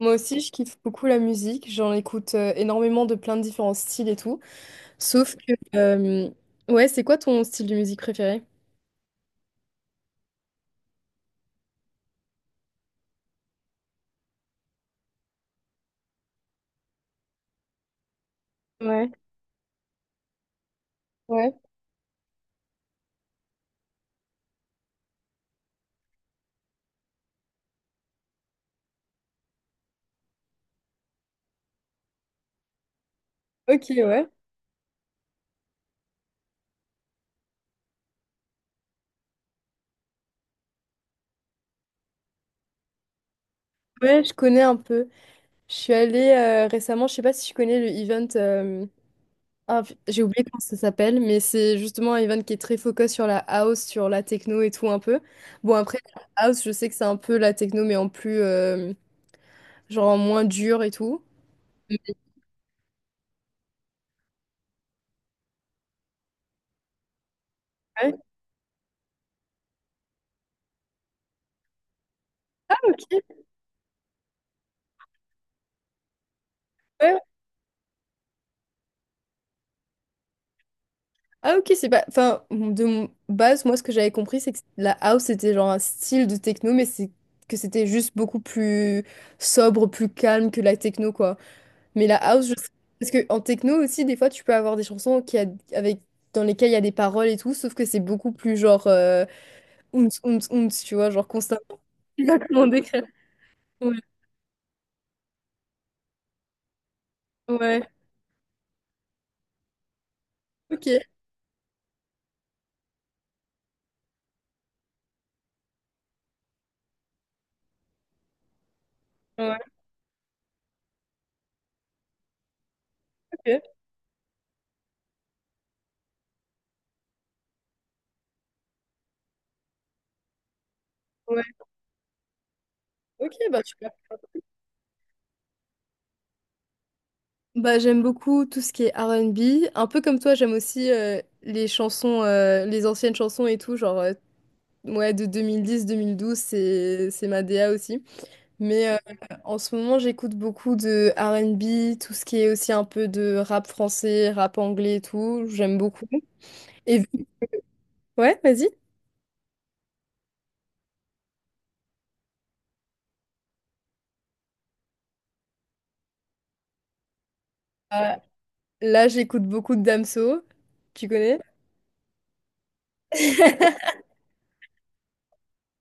Moi aussi, je kiffe beaucoup la musique. J'en écoute énormément de plein de différents styles et tout. Sauf que, euh, ouais, c'est quoi ton style de musique préféré? Ouais. Ouais. Ok, ouais. Ouais, je connais un peu. Je suis allée récemment, je sais pas si tu connais le event, j'ai oublié comment ça s'appelle, mais c'est justement un event qui est très focus sur la house, sur la techno et tout un peu. Bon, après, la house, je sais que c'est un peu la techno, mais en plus, genre en moins dur et tout. Ouais. Ah, ok. Ouais. Ah ok, c'est pas... Enfin, de base, moi, ce que j'avais compris, c'est que la house, c'était genre un style de techno, mais c'est que c'était juste beaucoup plus sobre, plus calme que la techno, quoi. Mais la house, je... Parce que en techno aussi, des fois, tu peux avoir des chansons qui a... avec... dans lesquelles il y a des paroles et tout, sauf que c'est beaucoup plus genre... Ounce, ounce, ounce, tu vois, genre constamment. Je sais pas comment décrire. Ouais, ouais, ok. Ouais, ok. Ouais, ok, bah tu Bah, j'aime beaucoup tout ce qui est R&B. Un peu comme toi, j'aime aussi les anciennes chansons et tout, genre ouais, de 2010-2012, c'est ma DA aussi. Mais en ce moment, j'écoute beaucoup de R&B, tout ce qui est aussi un peu de rap français, rap anglais et tout, j'aime beaucoup. Et ouais, vas-y. Euh, Là, j'écoute beaucoup de Damso, tu connais?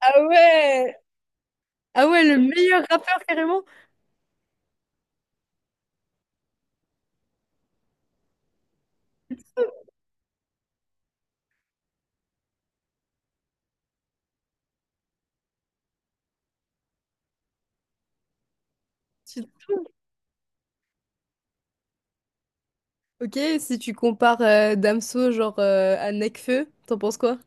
Ah ouais! Ah ouais, le meilleur rappeur carrément! Tu te trompes. Ok, si tu compares Damso genre à Nekfeu, t'en penses quoi?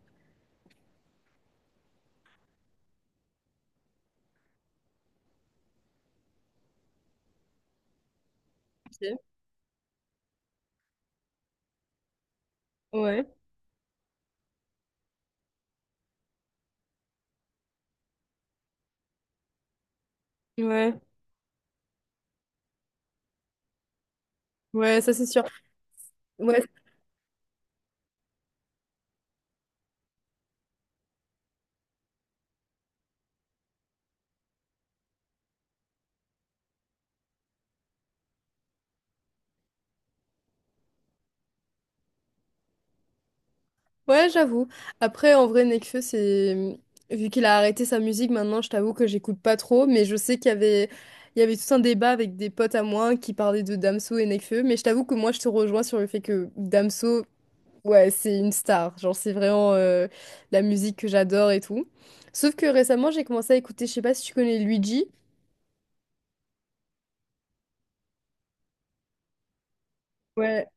Ok. Ouais, ouais, ouais, ça c'est sûr. Ouais, ouais, j'avoue. Après, en vrai, Nekfeu, c'est vu qu'il a arrêté sa musique, maintenant, je t'avoue que j'écoute pas trop, mais je sais qu'il y avait tout un débat avec des potes à moi qui parlaient de Damso et Nekfeu, mais je t'avoue que moi, je te rejoins sur le fait que Damso, ouais, c'est une star. Genre, c'est vraiment la musique que j'adore et tout. Sauf que récemment, j'ai commencé à écouter, je sais pas si tu connais Luigi. Ouais.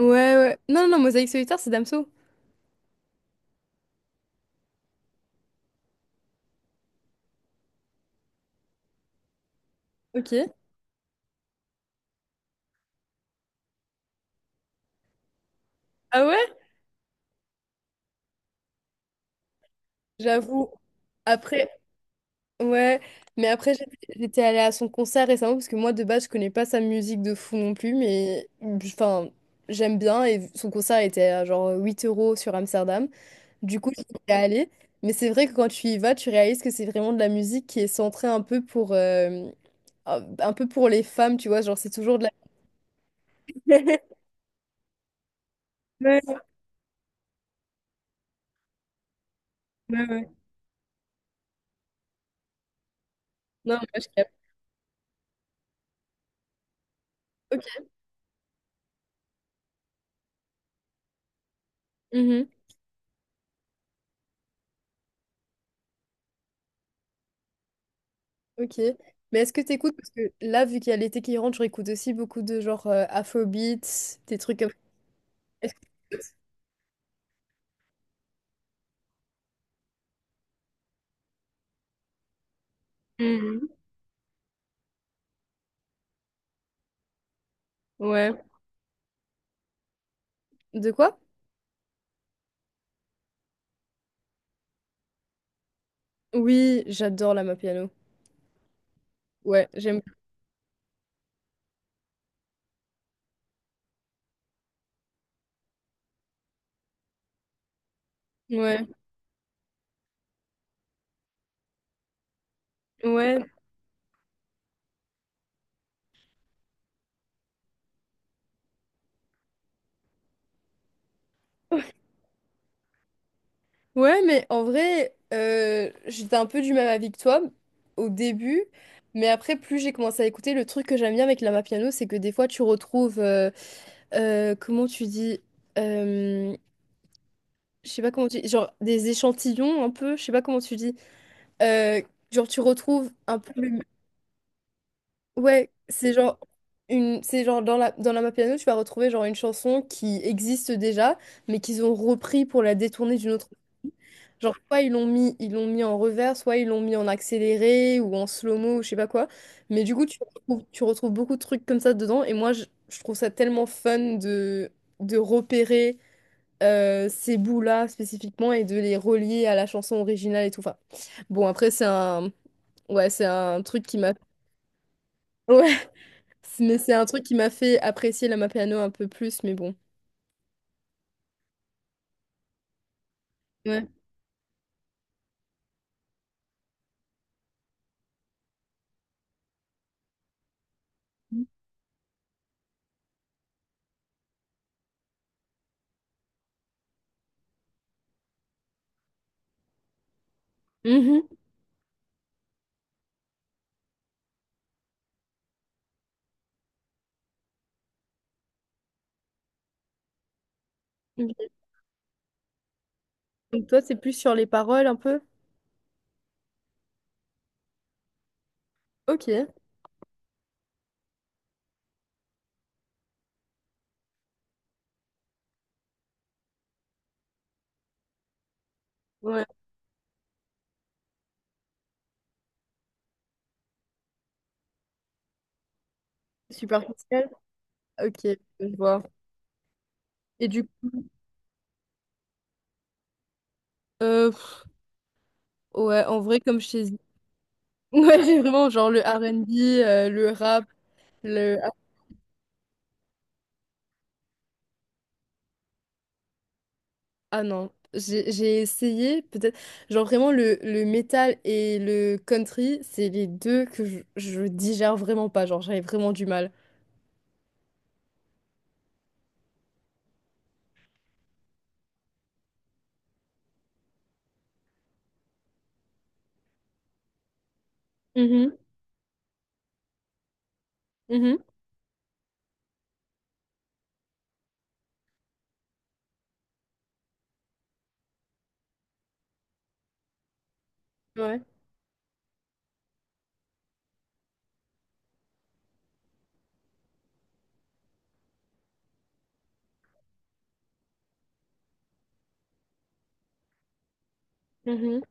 Ouais, ouais. Non, non, non, Mosaïque solitaire, c'est Damso. Ok. Ah ouais? J'avoue. Après, ouais. Mais après, j'étais allée à son concert récemment parce que moi, de base, je connais pas sa musique de fou non plus, mais enfin, j'aime bien. Et son concert était à genre 8 € sur Amsterdam. Du coup, j'y suis allée. Mais c'est vrai que quand tu y vas, tu réalises que c'est vraiment de la musique qui est centrée un peu pour les femmes, tu vois. Genre, c'est toujours de la. Ouais, ouais, ouais. Non, moi, je capte. Ok. Mhm. Ok. Mais est-ce que t'écoutes? Parce que là, vu qu'il y a l'été qui rentre, je réécoute aussi beaucoup de genre Afrobeats, des trucs comme... Est-ce que- Mm. Ouais. De quoi? Oui, j'adore la Mapiano. Ouais, j'aime. Ouais, ouais. Ouais, mais en vrai, j'étais un peu du même avis que toi au début, mais après, plus j'ai commencé à écouter, le truc que j'aime bien avec la piano, c'est que des fois, tu retrouves, comment tu dis, euh, je sais pas comment tu dis, genre des échantillons un peu, je sais pas comment tu dis, Euh, genre, tu retrouves un peu le... Ouais, c'est genre... Une... C'est genre dans la Mapiano, tu vas retrouver genre une chanson qui existe déjà, mais qu'ils ont repris pour la détourner d'une autre. Genre, soit ils l'ont mis en revers, soit ils l'ont mis en accéléré ou en slow-mo ou je sais pas quoi. Mais du coup, tu retrouves beaucoup de trucs comme ça dedans. Et moi, je trouve ça tellement fun de repérer ces bouts-là spécifiquement et de les relier à la chanson originale et tout. Enfin, bon, après, c'est un... Ouais, c'est un truc qui m'a... Ouais, mais c'est un truc qui m'a fait apprécier la Mapiano un peu plus, mais bon. Ouais. Mhm. Ok. Donc toi, c'est plus sur les paroles un peu? Ok. Ouais. Superficielle. Ok, je vois. Et du coup, euh, pff, ouais, en vrai, comme je t'ai dit, ouais, j'ai vraiment genre le R&B, le rap, le... Ah non, j'ai essayé, peut-être, genre vraiment le métal et le country, c'est les deux que je digère vraiment pas, genre j'avais vraiment du mal. Mhm, mhm. Ouais. Mhm.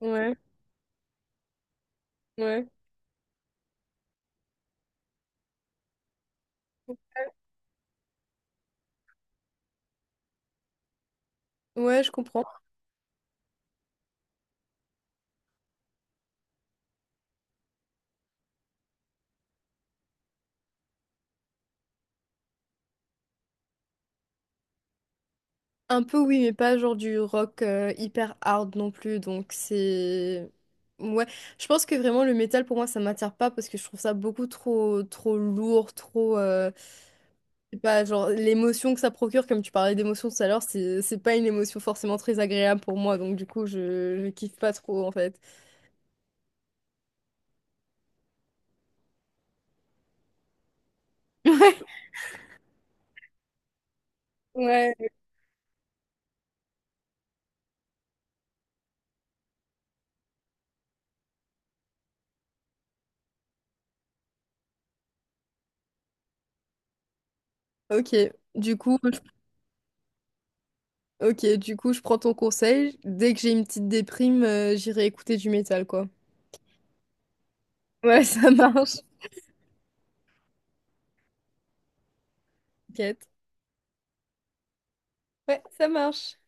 Ouais. Ouais. Ouais, je comprends. Un peu oui, mais pas genre du rock hyper hard non plus. Donc c'est... Ouais. Je pense que vraiment le métal pour moi ça m'attire pas parce que je trouve ça beaucoup trop trop lourd, trop... je sais pas, genre l'émotion que ça procure, comme tu parlais d'émotion tout à l'heure, c'est pas une émotion forcément très agréable pour moi. Donc du coup je kiffe pas trop en fait. Ouais. Ouais. Ok, du coup, je... ok, du coup, je prends ton conseil. Dès que j'ai une petite déprime, j'irai écouter du métal, quoi. Ouais, ça marche. T'inquiète. Ouais, ça marche.